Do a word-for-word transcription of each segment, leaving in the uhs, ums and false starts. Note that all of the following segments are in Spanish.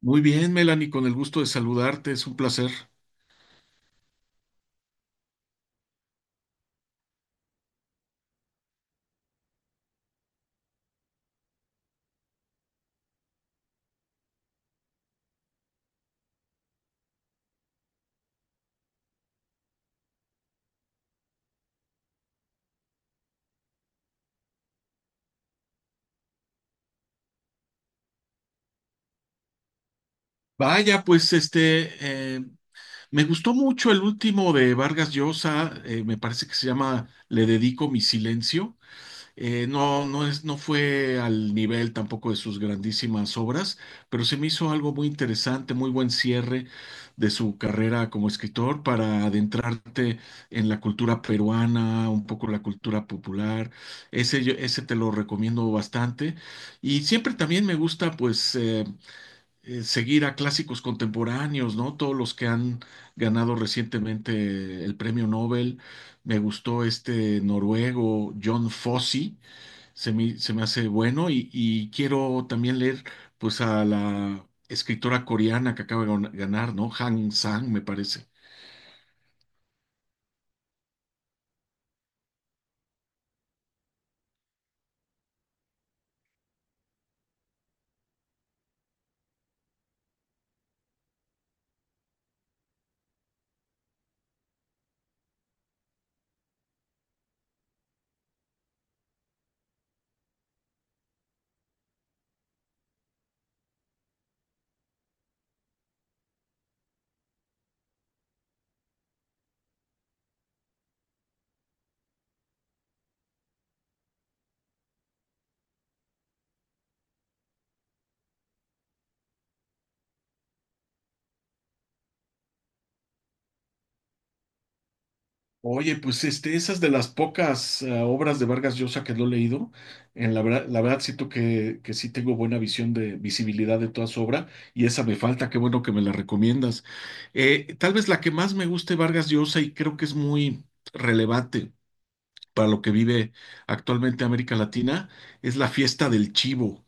Muy bien, Melanie, con el gusto de saludarte, es un placer. Vaya, pues este, eh, me gustó mucho el último de Vargas Llosa. Eh, me parece que se llama Le dedico mi silencio. Eh, no, no es, no fue al nivel tampoco de sus grandísimas obras, pero se me hizo algo muy interesante, muy buen cierre de su carrera como escritor para adentrarte en la cultura peruana, un poco la cultura popular. Ese, yo- ese te lo recomiendo bastante. Y siempre también me gusta, pues, eh, eh, seguir a clásicos contemporáneos, ¿no? Todos los que han ganado recientemente el premio Nobel. Me gustó este noruego, John Fosse se me, se me hace bueno y, y quiero también leer pues a la escritora coreana que acaba de gan- ganar, ¿no? Han Sang, me parece. Oye, pues este, esa es de las pocas eh, obras de Vargas Llosa que no he leído. En la verdad, la verdad siento que, que sí tengo buena visión de visibilidad de toda su obra y esa me falta. Qué bueno que me la recomiendas. Eh, tal vez la que más me guste Vargas Llosa y creo que es muy relevante para lo que vive actualmente América Latina, es La fiesta del chivo,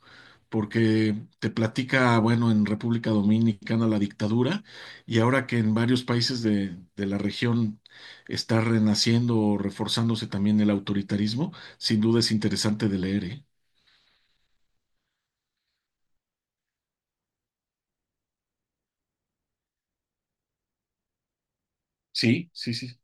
porque te platica, bueno, en República Dominicana la dictadura, y ahora que en varios países de, de la región está renaciendo o reforzándose también el autoritarismo, sin duda es interesante de leer, ¿eh? Sí, sí, sí.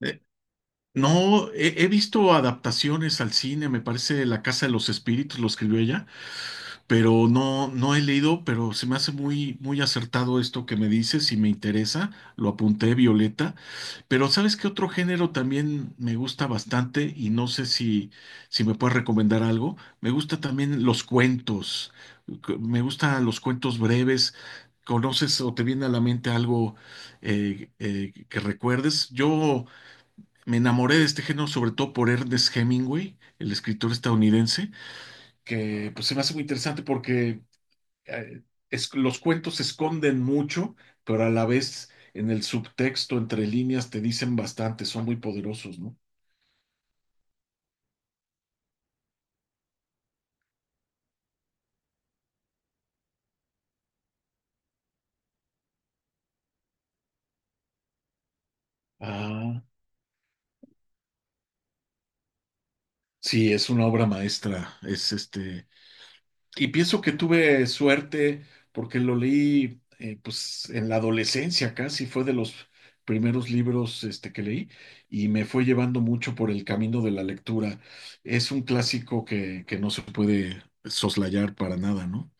Eh, No, he, he visto adaptaciones al cine. Me parece La Casa de los Espíritus, lo escribió ella, pero no, no he leído, pero se me hace muy, muy acertado esto que me dices y me interesa. Lo apunté, Violeta. Pero ¿sabes qué otro género también me gusta bastante? Y no sé si, si me puedes recomendar algo. Me gusta también los cuentos. Cu- Me gustan los cuentos breves. ¿Conoces o te viene a la mente algo eh, eh, que recuerdes? Yo me enamoré de este género sobre todo por Ernest Hemingway, el escritor estadounidense que pues se me hace muy interesante porque eh, es- los cuentos esconden mucho, pero a la vez en el subtexto, entre líneas, te dicen bastante, son muy poderosos, ¿no? Ah, sí, es una obra maestra, es este, y pienso que tuve suerte porque lo leí, eh, pues, en la adolescencia casi, fue de los primeros libros, este, que leí y me fue llevando mucho por el camino de la lectura. Es un clásico que, que no se puede soslayar para nada, ¿no?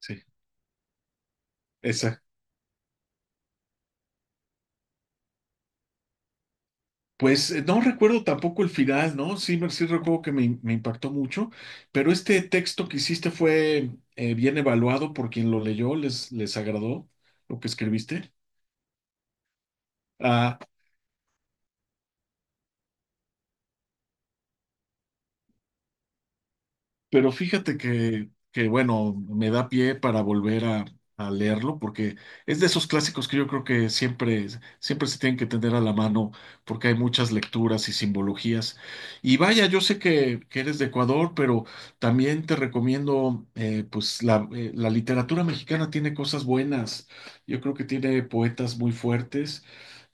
Sí, exacto. Pues eh, no recuerdo tampoco el final, ¿no? Sí, me- sí recuerdo que me, me impactó mucho, pero este texto que hiciste fue eh, bien evaluado por quien lo leyó, les, les agradó lo que escribiste. Ah, pero fíjate que, que, bueno, me da pie para volver a, a leerlo, porque es de esos clásicos que yo creo que siempre, siempre se tienen que tener a la mano, porque hay muchas lecturas y simbologías. Y vaya, yo sé que, que eres de Ecuador, pero también te recomiendo, eh, pues la, eh, la literatura mexicana tiene cosas buenas. Yo creo que tiene poetas muy fuertes,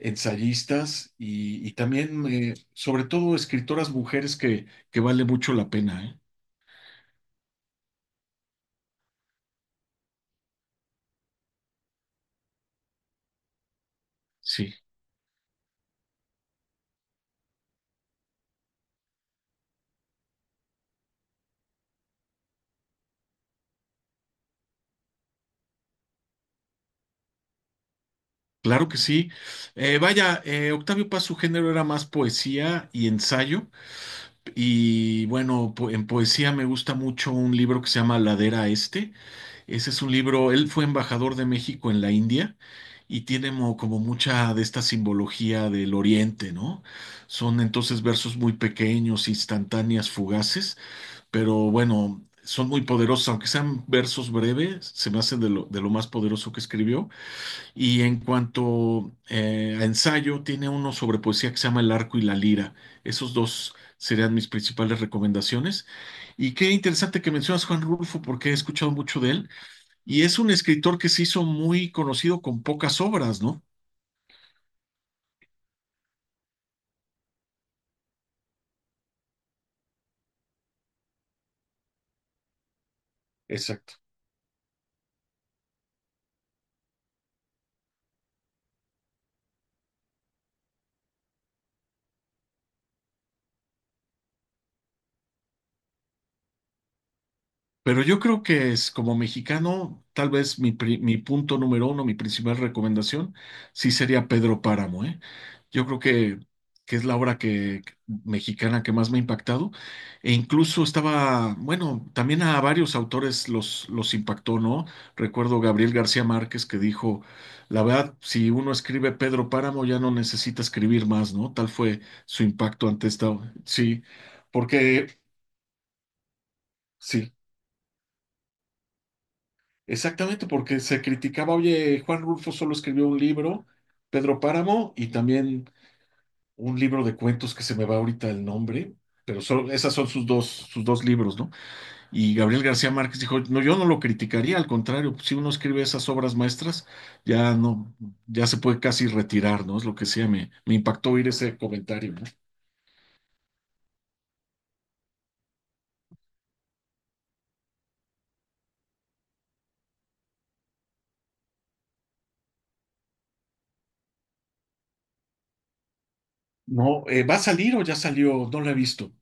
ensayistas y, y también, eh, sobre todo, escritoras mujeres que, que vale mucho la pena, ¿eh? Sí. Claro que sí. Eh, vaya, eh, Octavio Paz, su género era más poesía y ensayo. Y bueno, po- en poesía me gusta mucho un libro que se llama Ladera Este. Ese es un libro, él fue embajador de México en la India y tiene mo- como mucha de esta simbología del Oriente, ¿no? Son entonces versos muy pequeños, instantáneas, fugaces, pero bueno, son muy poderosos, aunque sean versos breves, se me hacen de lo, de lo más poderoso que escribió. Y en cuanto eh, a ensayo, tiene uno sobre poesía que se llama El arco y la lira. Esos dos serían mis principales recomendaciones. Y qué interesante que mencionas Juan Rulfo, porque he escuchado mucho de él. Y es un escritor que se hizo muy conocido con pocas obras, ¿no? Exacto. Pero yo creo que es como mexicano, tal vez mi, pri- mi punto número uno, mi principal recomendación, sí sería Pedro Páramo, ¿eh? Yo creo que, que es la obra que, que- mexicana que más me ha impactado. E incluso estaba, bueno, también a varios autores los, los impactó, ¿no? Recuerdo Gabriel García Márquez que dijo, la verdad, si uno escribe Pedro Páramo ya no necesita escribir más, ¿no? Tal fue su impacto ante esta, sí, porque... Sí. Exactamente, porque se criticaba, oye, Juan Rulfo solo escribió un libro, Pedro Páramo, y también un libro de cuentos que se me va ahorita el nombre, pero solo, esas son sus dos, sus dos libros, ¿no? Y Gabriel García Márquez dijo, no, yo no lo criticaría, al contrario, pues, si uno escribe esas obras maestras, ya no, ya se puede casi retirar, ¿no? Es lo que sea, me, me impactó oír ese comentario, ¿no? No, eh, ¿va a salir o ya salió? No lo he visto.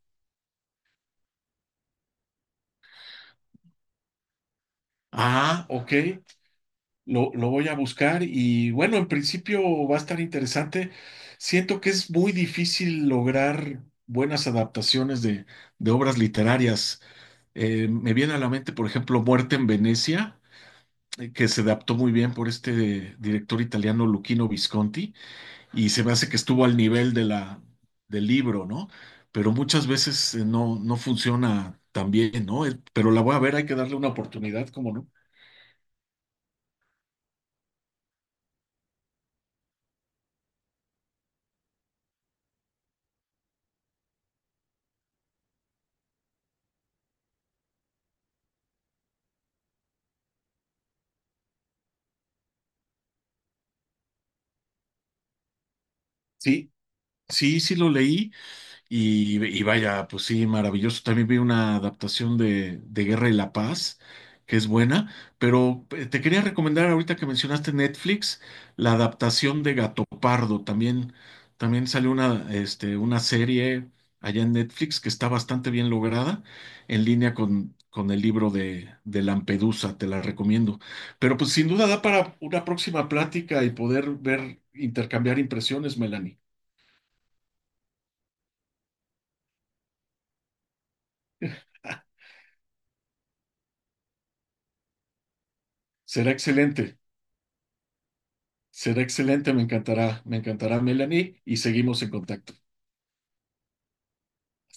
Ah, ok. Lo, lo voy a buscar y bueno, en principio va a estar interesante. Siento que es muy difícil lograr buenas adaptaciones de, de obras literarias. Eh, me viene a la mente, por ejemplo, Muerte en Venecia, eh, que se adaptó muy bien por este director italiano Luchino Visconti, y se me hace que estuvo al nivel de la, del libro, ¿no? Pero muchas veces eh, no, no funciona tan bien, ¿no? Eh, Pero la voy a ver, hay que darle una oportunidad, ¿cómo no? Sí, sí, sí lo leí. Y, y vaya, pues sí, maravilloso. También vi una adaptación de, de Guerra y la Paz, que es buena, pero eh, te quería recomendar ahorita que mencionaste Netflix, la adaptación de Gato Pardo. También, también salió una, este, una serie allá en Netflix que está bastante bien lograda, en línea con, con el libro de, de Lampedusa, te la recomiendo. Pero pues sin duda da para una próxima plática y poder ver, intercambiar impresiones, Melanie. Será excelente. Será excelente, me encantará, me encantará, Melanie, y seguimos en contacto.